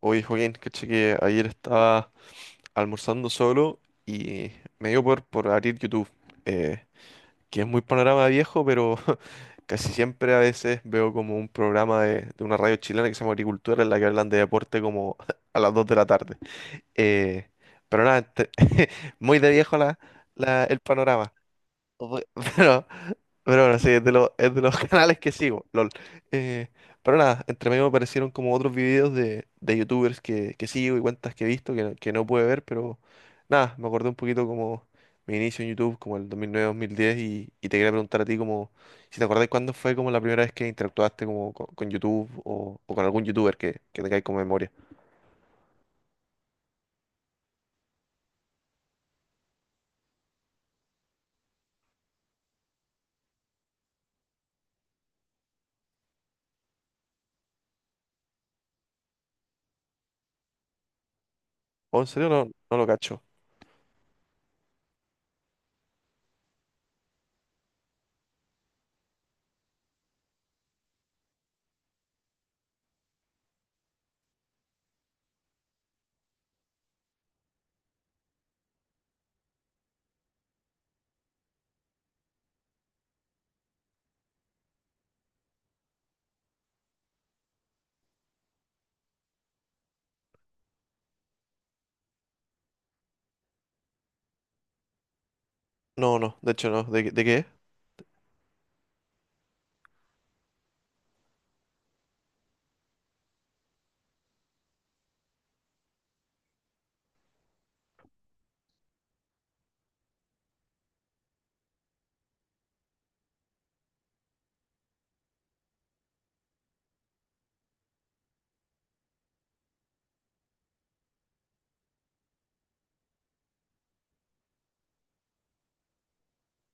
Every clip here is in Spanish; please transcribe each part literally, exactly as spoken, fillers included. Oye, Joaquín, caché que ayer estaba almorzando solo y me dio por, por abrir YouTube, eh, que es muy panorama viejo, pero casi siempre a veces veo como un programa de, de una radio chilena que se llama Agricultura, en la que hablan de deporte como a las dos de la tarde. Eh, pero nada, te- muy de viejo la, la- el panorama. Voy- Pero, pero bueno, sí, es de los, es de los canales que sigo, LOL. Eh, pero nada, entre medio me aparecieron como otros videos de, de youtubers que, que sigo y cuentas que he visto que, no- que no pude ver, pero nada, me acordé un poquito como mi inicio en YouTube, como el dos dos mil nueve mil diez y, y te quería preguntar a ti como si te acordás cuándo fue como la primera vez que interactuaste como con, con YouTube o, o con algún youtuber que, que tengáis como memoria. ¿O en serio no, no lo cacho? No, no, de hecho no. ¿De, qué- de qué es?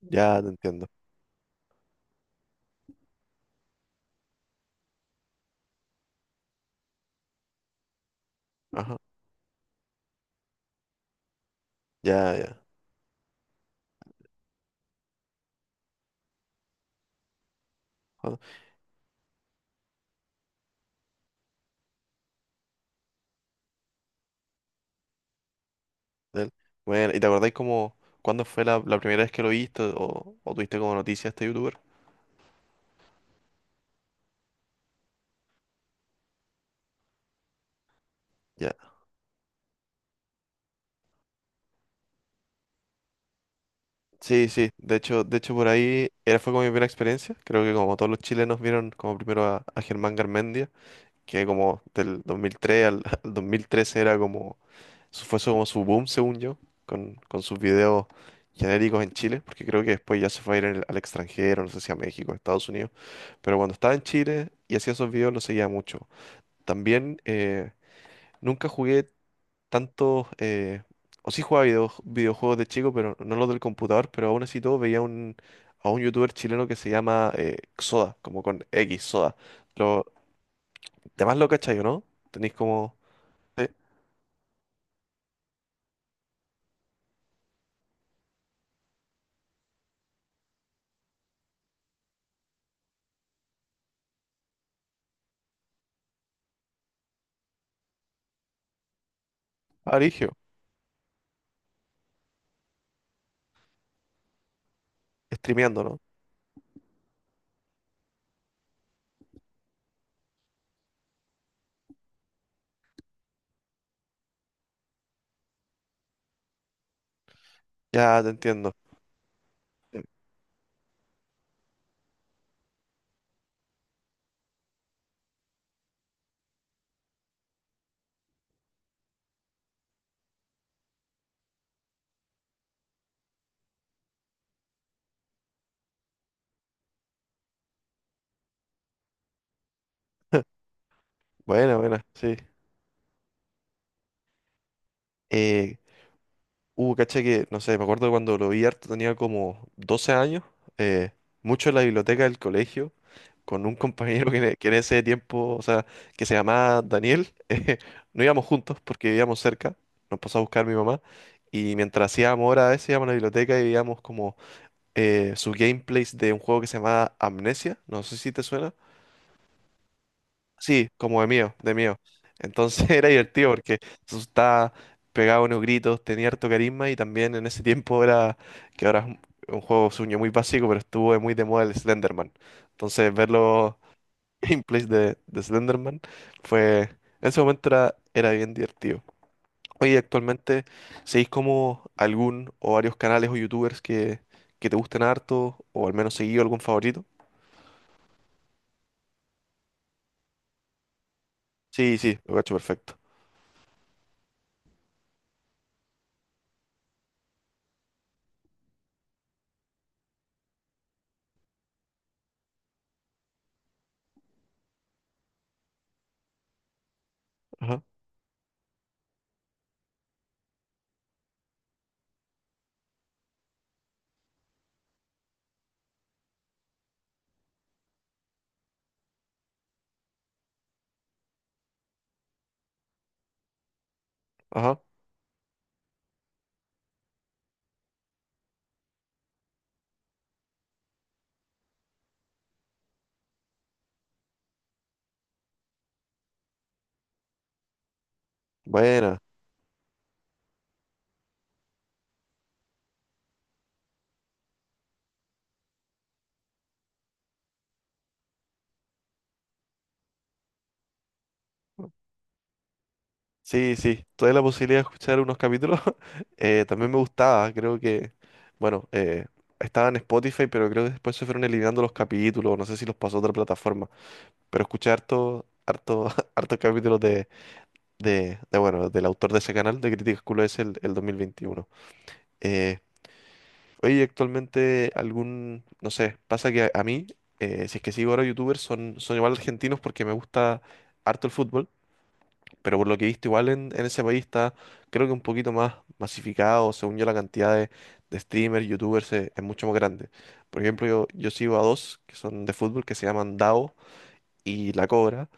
Ya te entiendo. Ajá, ya, ya. De él. Bueno, ¿y te acordáis como cuándo fue la, la primera vez que lo viste o, o tuviste como noticia a este youtuber? Ya. Sí, sí. De hecho, de hecho por ahí era fue como mi primera experiencia. Creo que como todos los chilenos vieron como primero a, a Germán Garmendia, que como del dos mil tres al, al dos mil trece era como su- fue su- como su boom, según yo, con, con sus videos genéricos en Chile, porque creo que después ya se fue a ir al, al extranjero, no sé si a México, a Estados Unidos, pero cuando estaba en Chile y hacía esos videos lo seguía mucho. También eh, nunca jugué tantos, eh, o sí jugaba video- videojuegos de chico, pero no los del computador, pero aún así todo veía un, a un youtuber chileno que se llama eh, Xoda, como con X, Xoda. Lo, demás lo cachai, ¿o no? Tenéis como... Sí, ah, Brigio, streameando, ¿no? Ya te entiendo. Buena, buena, sí. Eh, Uh, caché que, no sé, me acuerdo cuando lo vi harto, tenía como doce años, eh, mucho en la biblioteca del colegio, con un compañero que, en- que en ese tiempo, o sea, que se llamaba Daniel, eh, no íbamos juntos porque vivíamos cerca, nos pasó a buscar mi mamá, y mientras hacíamos horas a veces íbamos a la biblioteca y veíamos como eh, su gameplays de un juego que se llamaba Amnesia, no sé si te suena. Sí, como de mío, de mío. Entonces era divertido porque se asustaba, pegaba unos gritos, tenía harto carisma y también en ese tiempo era, que ahora es un un juego sueño muy básico, pero estuvo muy de moda el Slenderman. Entonces verlo gameplays de, de Slenderman fue, en ese momento era, era bien divertido. Oye, actualmente, ¿seguís como algún o varios canales o youtubers que, que te gusten harto o al menos seguido algún favorito? Sí, sí, lo cacho perfecto. Ajá, ajá, buena. Sí, sí, tuve la posibilidad de escuchar unos capítulos. Eh, también me gustaba, creo que, bueno, eh, estaba en Spotify, pero creo que después se fueron eliminando los capítulos, no sé si los pasó a otra plataforma, pero escuché harto, harto, hartos capítulos de, de, de, bueno, del autor de ese canal, de Críticas Culo es el, el dos mil veintiuno. Eh, Oye, actualmente algún, no sé, pasa que a, a mí, eh, si es que sigo ahora youtubers, son, son igual argentinos porque me gusta harto el fútbol. Pero por lo que he visto, igual en, en ese país está, creo que un poquito más masificado, según yo, la cantidad de, de streamers, youtubers eh, es, mucho más grande. Por ejemplo, yo, yo sigo a dos que son de fútbol, que se llaman Dao y La Cobra,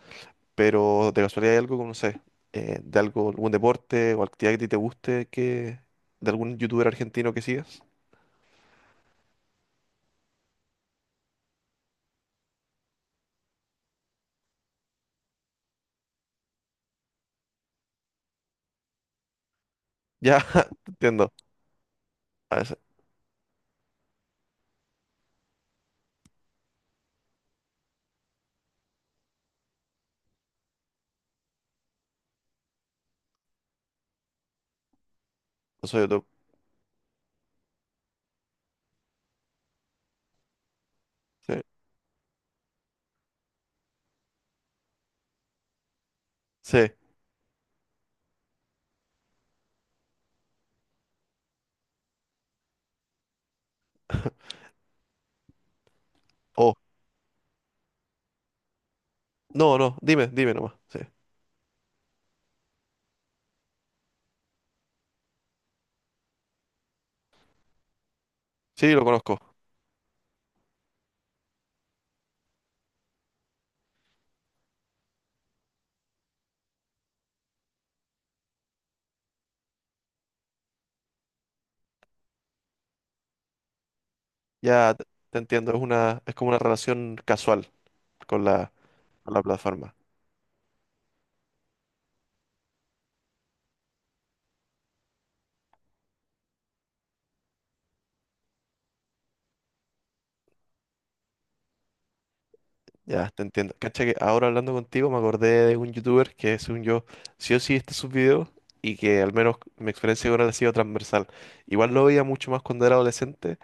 pero de casualidad hay algo como, no sé, eh, de algo, algún deporte o actividad que a ti te guste, que, de algún youtuber argentino que sigas. Ya, te entiendo. A ver, no soy YouTube. Sí, sí. Oh, no, no, dime, dime nomás. Sí, sí, lo conozco. Ya te te entiendo, es una, es como una relación casual con la, con la plataforma. Ya, te entiendo. Cacha que ahora hablando contigo me acordé de un youtuber que según yo sí o sí está sus videos y que al menos mi experiencia con él ha sido transversal. Igual lo veía mucho más cuando era adolescente.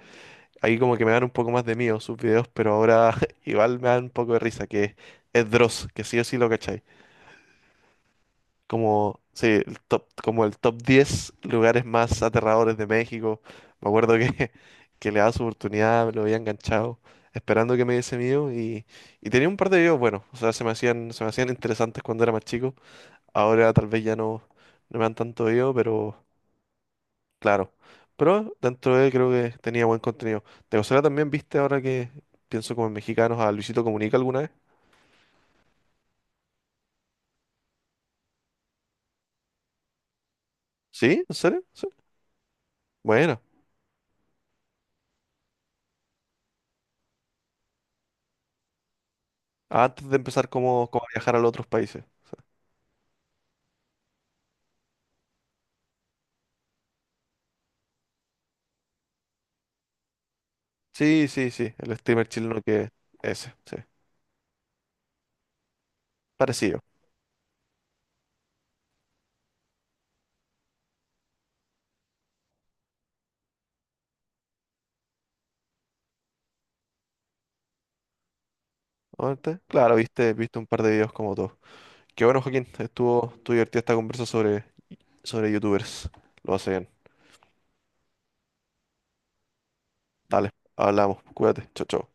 Ahí como que me dan un poco más de miedo sus videos, pero ahora igual me dan un poco de risa, que es Dross, que sí o sí lo cachai. Como, sí, el top, como el top diez lugares más aterradores de México. Me acuerdo que, que le daba su oportunidad, me lo había enganchado, esperando que me diese mío y, y tenía un par de videos buenos, o sea, se me hacían, se me hacían interesantes cuando era más chico. Ahora tal vez ya no, no me dan tanto video, pero claro. Pero dentro de él creo que tenía buen contenido. ¿De casualidad también viste ahora que pienso como en mexicanos a Luisito Comunica alguna vez? ¿Sí? ¿En serio? ¿Sí? Bueno, antes de empezar como, como a viajar a los otros países. Sí, sí, sí, el streamer chileno que ese, sí, parecido. Obviamente, claro, viste, viste un par de videos como todos. Qué bueno, Joaquín, estuvo, estuvo divertida esta conversa sobre, sobre youtubers. Lo hace bien. Dale, hablamos, cuídate, chao, chao.